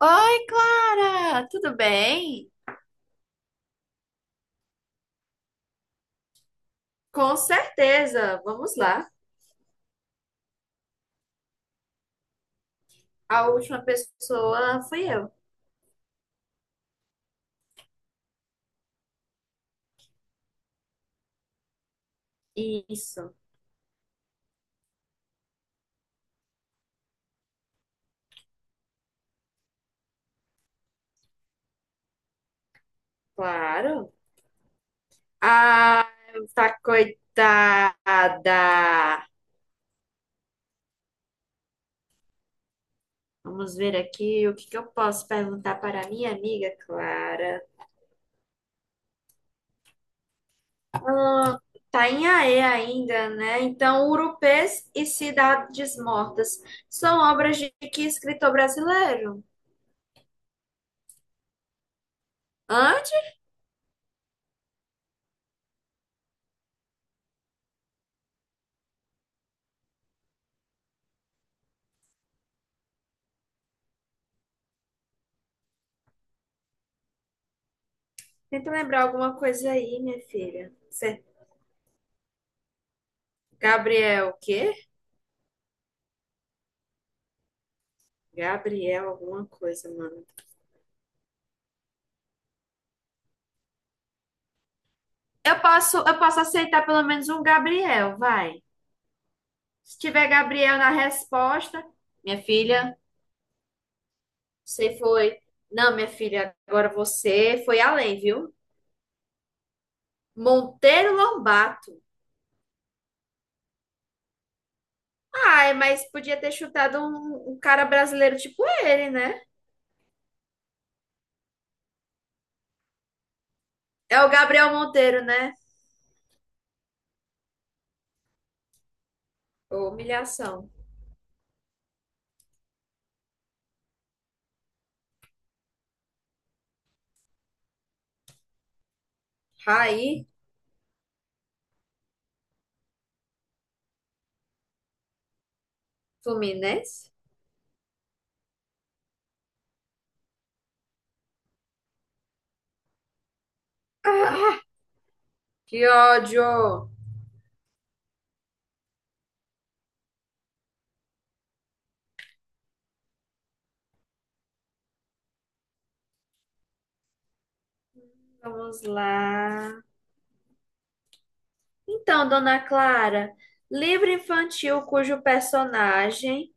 Oi, Clara! Tudo bem? Com certeza! Vamos lá. A última pessoa fui eu. Isso, claro. Ah, tá coitada! Vamos ver aqui o que que eu posso perguntar para minha amiga Clara. Tá em AE ainda, né? Então, Urupês e Cidades Mortas são obras de que escritor brasileiro? Hã? Tenta lembrar alguma coisa aí, minha filha. Gabriel, o quê? Gabriel, alguma coisa, mano. Eu posso aceitar pelo menos um Gabriel, vai. Se tiver Gabriel na resposta, minha filha, você foi. Não, minha filha, agora você foi além, viu? Monteiro Lobato. Ai, mas podia ter chutado um cara brasileiro tipo ele, né? É o Gabriel Monteiro, né? Ô, humilhação. Raí Fluminense? Ah, que ódio! Vamos lá. Então, Dona Clara, livro infantil cujo personagem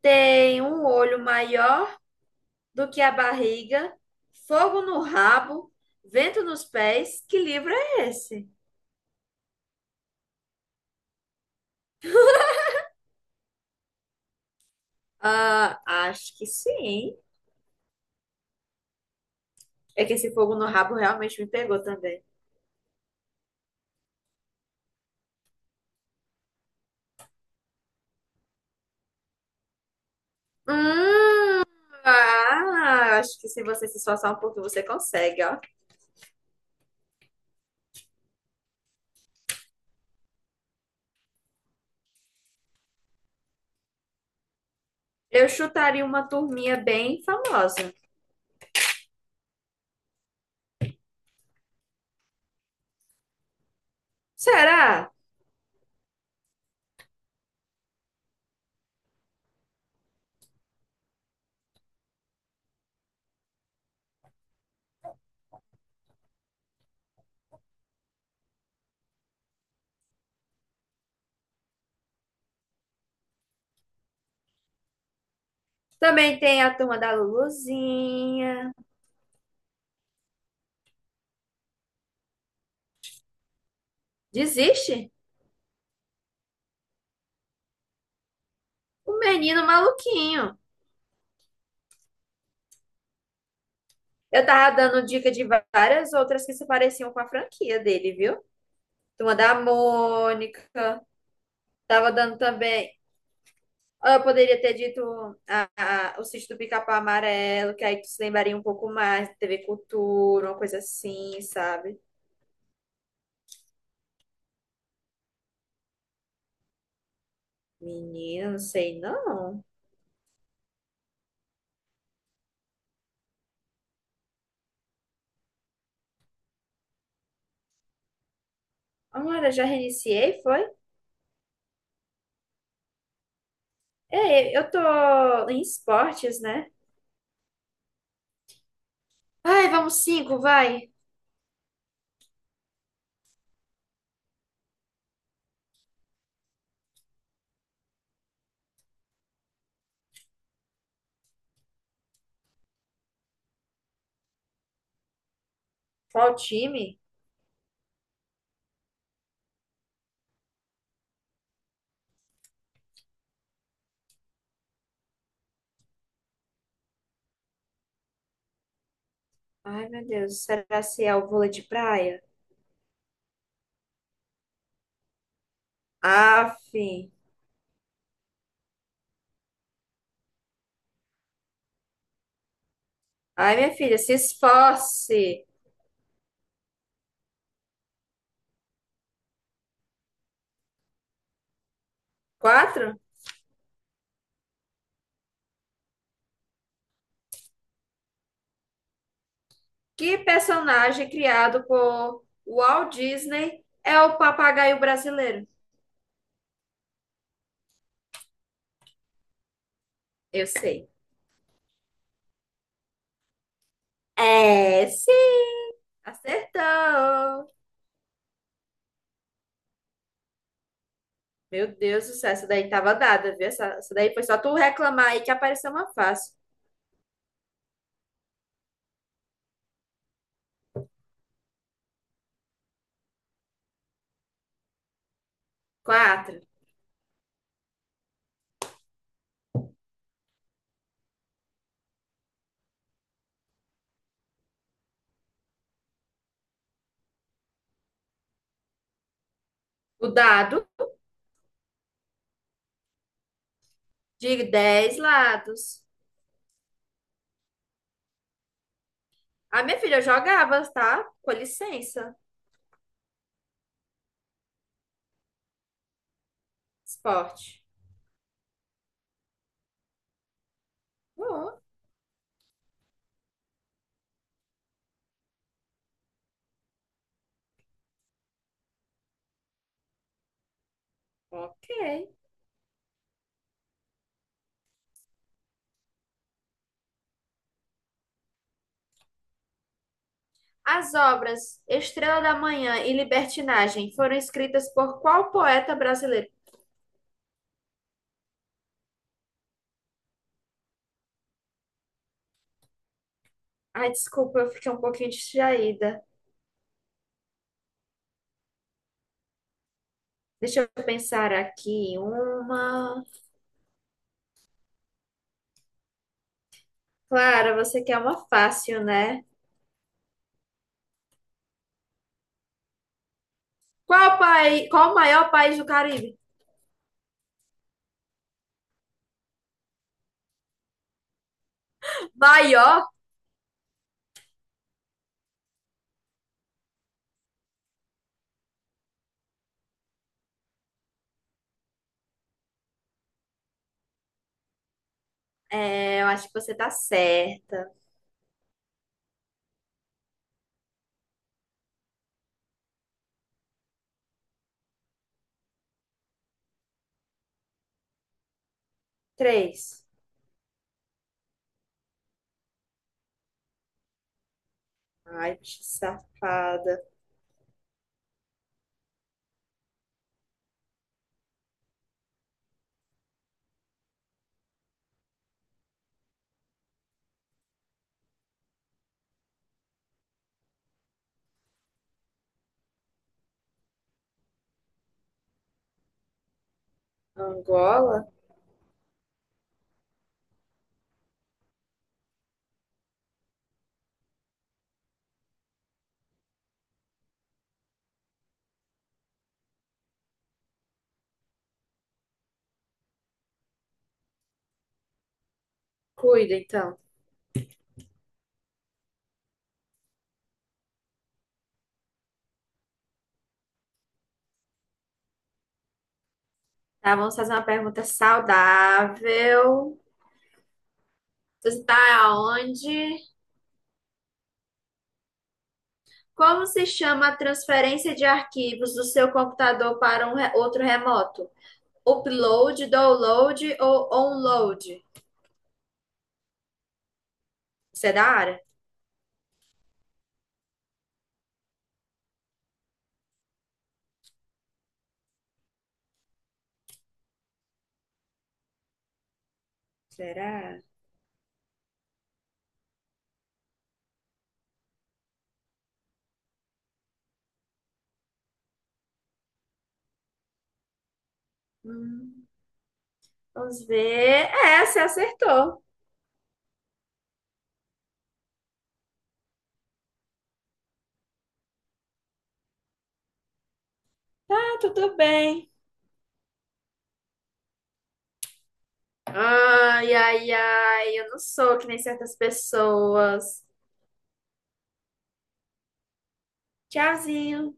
tem um olho maior do que a barriga, fogo no rabo, vento nos pés, que livro é esse? Ah, acho que sim. É que esse fogo no rabo realmente me pegou também. Hum, ah, acho que se você se esforçar um pouco, você consegue, ó. Eu chutaria uma turminha bem famosa. Será? Também tem a turma da Luluzinha. Desiste? Um menino maluquinho. Eu tava dando dica de várias outras que se pareciam com a franquia dele, viu? Turma da Mônica. Tava dando também. Ah, eu poderia ter dito a, o sítio do Pica-Pau Amarelo, que aí tu se lembraria um pouco mais, TV Cultura, uma coisa assim, sabe? Menina, não sei não. Agora, já reiniciei, foi? É, eu tô em esportes, né? Ai, vamos cinco, vai. Qual time? Ai, meu Deus, será se é o vôlei de praia? Aff. Ai, minha filha, se esforce. Quatro? Que personagem criado por Walt Disney é o papagaio brasileiro? Eu sei. É, sim. Acertou. Meu Deus do céu, essa daí tava dada, viu? Essa daí foi só tu reclamar aí que apareceu uma fácil. Quatro. O dado de 10 lados. Ah, minha filha, eu jogava, tá? Com licença. Esporte. Bom, ok. As obras Estrela da Manhã e Libertinagem foram escritas por qual poeta brasileiro? Ai, desculpa, eu fiquei um pouquinho distraída. Deixa eu pensar aqui. Uma. Clara, você quer uma fácil, né? Qual país, qual o maior país do Caribe? Maior? É, eu acho que você tá certa. Três. Ai, bicho safada. Angola? Cuida, então. Tá, vamos fazer uma pergunta saudável. Você tá aonde? Como se chama a transferência de arquivos do seu computador para um outro remoto? Upload, download ou onload? Você é da área? Será? Hum, vamos ver. É, você acertou. Ah, tudo bem. Ai, ai, ai, eu não sou que nem certas pessoas. Tchauzinho.